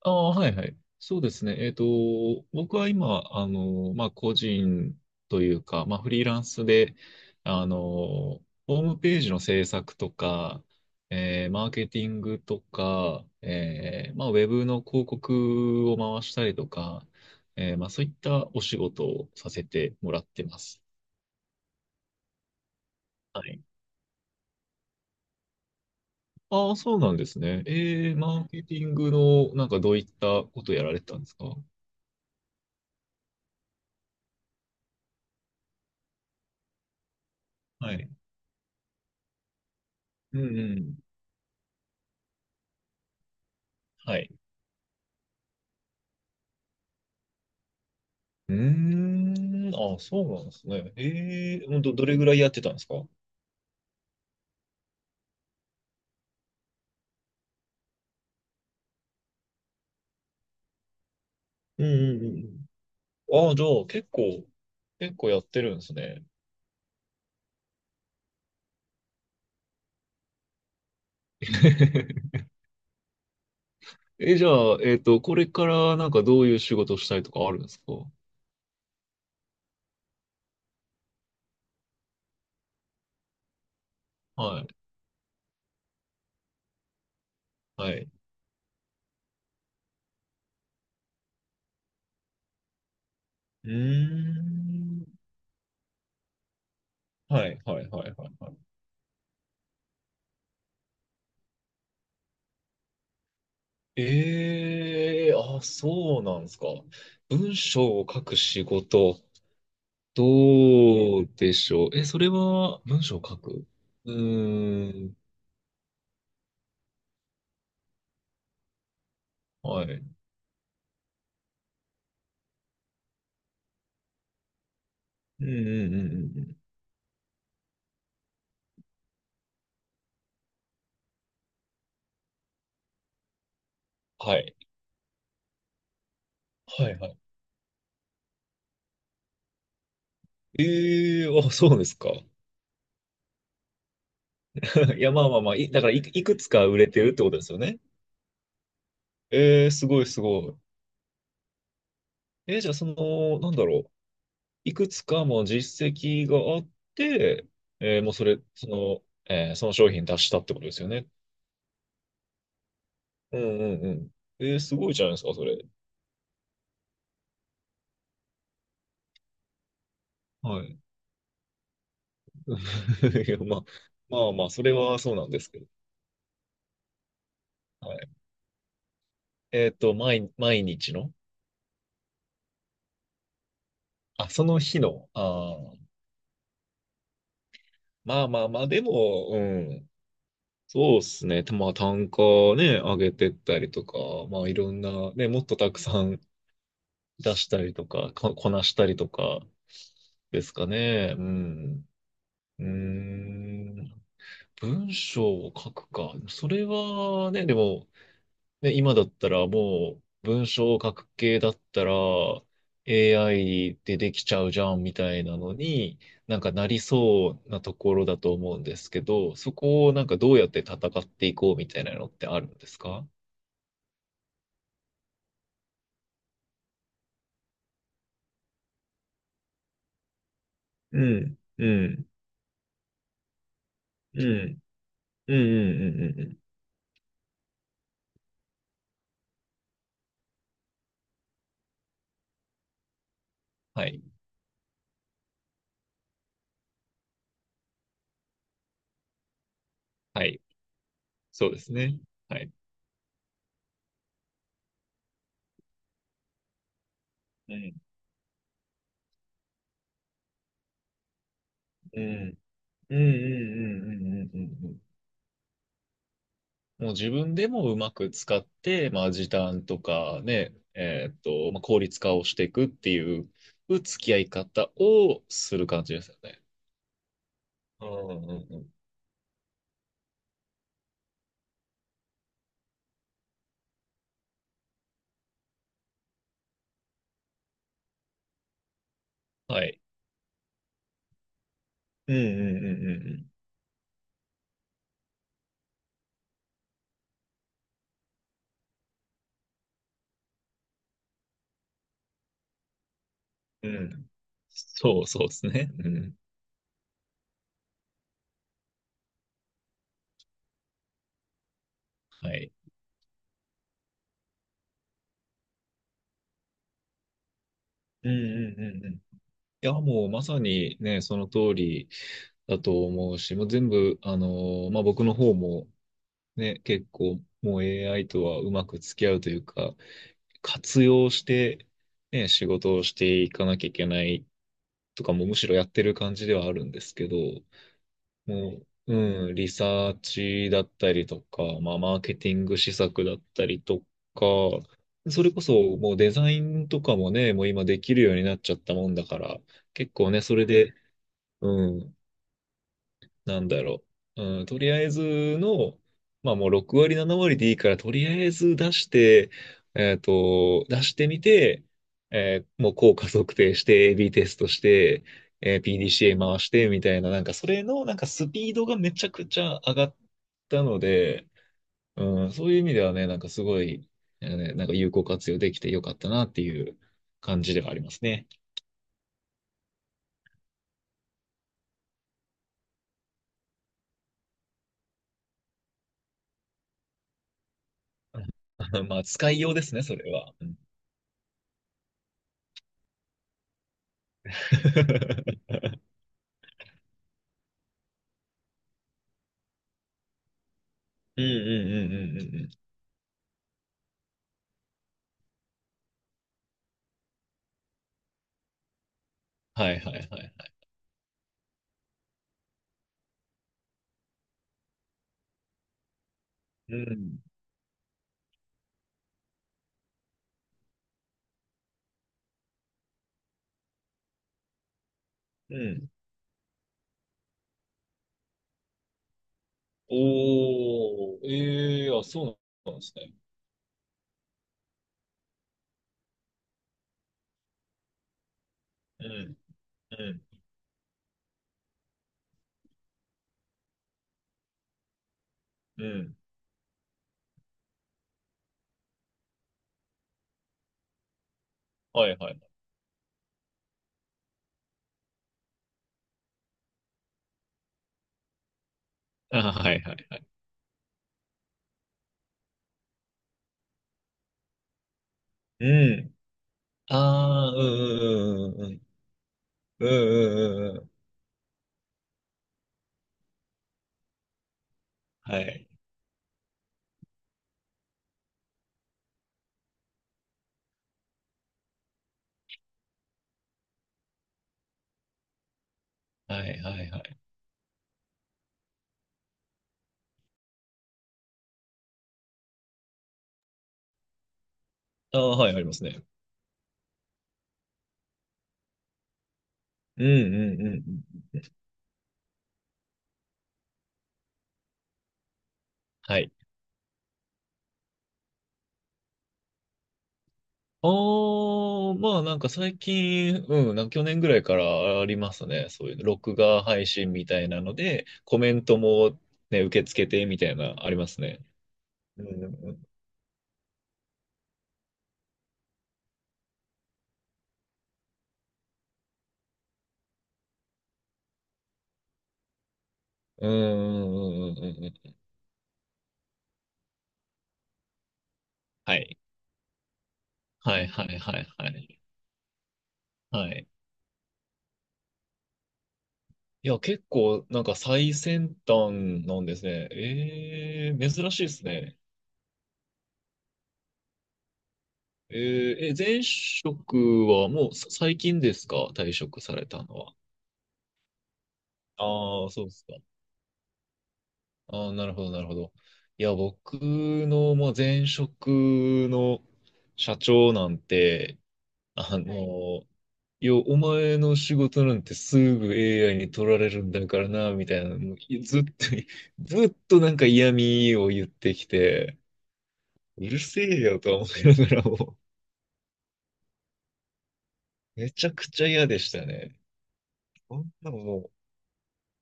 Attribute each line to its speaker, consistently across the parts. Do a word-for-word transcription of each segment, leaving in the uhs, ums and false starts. Speaker 1: ああ、はいはい。そうですね。えっと、僕は今、あの、まあ、個人というか、まあ、フリーランスで、あの、ホームページの制作とか、えーマーケティングとか、えーまあ、ウェブの広告を回したりとか、えーまあ、そういったお仕事をさせてもらってます。はい。ああ、そうなんですね。えー、マーケティングの、なんかどういったことやられてたんですか？はい。うんうん。はい。うーん。あ、そうなんですね。ええ、ど、どれぐらいやってたんですか？うんうんうんうん。あじゃあ、結構、結構やってるんですね。え、じゃあ、えっと、これからなんかどういう仕事をしたいとかあるんですか？はい、はい。うーん。はい、はい、はい、はい。はい。ええ、あ、そうなんですか。文章を書く仕事、どうでしょう。え、それは文章を書く。うーん。はい。うんうんうんうんうん。はい。はいはい。ええー、あ、そうですか。いや、まあまあまあ、い、だからいく、いくつか売れてるってことですよね。ええー、すごいすごい。えー、じゃあ、その、なんだろう。いくつかも実績があって、えー、もうそれ、その、えー、その商品出したってことですよね。うんうんうん。えー、すごいじゃないですか、それ。はい。いや、まあ、まあまあ、それはそうなんですけど。はい。えっと、毎、毎日の、あ、その日の、あーまあまあまあ、でも、うん。そうっすね。まあ単価ね、上げてったりとか、まあいろんな、ね、もっとたくさん出したりとか、ここなしたりとか、ですかね。うん。うーん。文章を書くか。それはね、でも、で、今だったらもう文章を書く系だったら エーアイ でできちゃうじゃんみたいなのになんかなりそうなところだと思うんですけど、そこをなんかどうやって戦っていこうみたいなのってあるんですか？うん、うん、うん、うん、うん、うん、うん。はい。はい。そうですね。はい。うん、うん、うん、うん、うん、うん、うん、うん。もう自分でもうまく使って、まあ、時短とかね、えーっと、まあ、効率化をしていくっていう付き合い方をする感じですよね。うんうんうん。はい。うんうんうんうんうん。うん。そうそうですね。うん。はい。うんうんうんうん。いや、もうまさにね、その通りだと思うし、もう全部、あのーまあ、僕の方もね、結構もう エーアイ とはうまく付き合うというか、活用して、ね、仕事をしていかなきゃいけないとかもむしろやってる感じではあるんですけど、もう、うん、リサーチだったりとか、まあ、マーケティング施策だったりとか、それこそもうデザインとかもね、もう今できるようになっちゃったもんだから、結構ね、それで、うん、なんだろう。うん、とりあえずの、まあもうろく割、なな割でいいから、とりあえず出して、えっと、出してみて、えーもう効果測定して、エービー テストして、えー ピーディーシーエー 回して、みたいな、なんかそれの、なんかスピードがめちゃくちゃ上がったので、うん、そういう意味ではね、なんかすごい、えーねなんか有効活用できてよかったなっていう感じではありますね。まあ、使いようですね、それは。うん。 うんうんうんうんうんうん。はいはいはいはい。うん。うん。おー、ええー、あ、そうなんですね。うん、うん、うん。はいはい。あ、はいはいはい。うん。ああ、うんうんうんうんうん。うんうんうんうん。はい。はいはいはい。ああ、はい、ありますね。うんうんうんうん。はい。ああ、まあなんか最近、うん、なんか去年ぐらいからありますね。そういうの録画配信みたいなので、コメントもね、受け付けてみたいな、ありますね。うんうんうんうんうんうん。はい。はいはいはいはい。はい。いや、結構なんか最先端なんですね。えー、珍しいですね。えー、え、前職はもうさ最近ですか、退職されたのは？ああ、そうですか。ああ、なるほどなるほど。いや、僕の、まあ、前職の社長なんて、あのはい。の、いや、お前の仕事なんてすぐ エーアイ に取られるんだからな、みたいなの、もうずっと、ずっとなんか嫌味を言ってきて、うるせえよと思いながらも、めちゃくちゃ嫌でしたね。こんなのもう、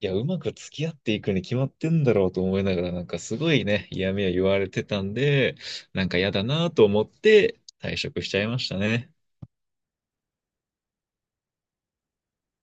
Speaker 1: いや、うまく付き合っていくに決まってんだろうと思いながら、なんかすごいね、嫌味を言われてたんで、なんか嫌だなと思って退職しちゃいましたね。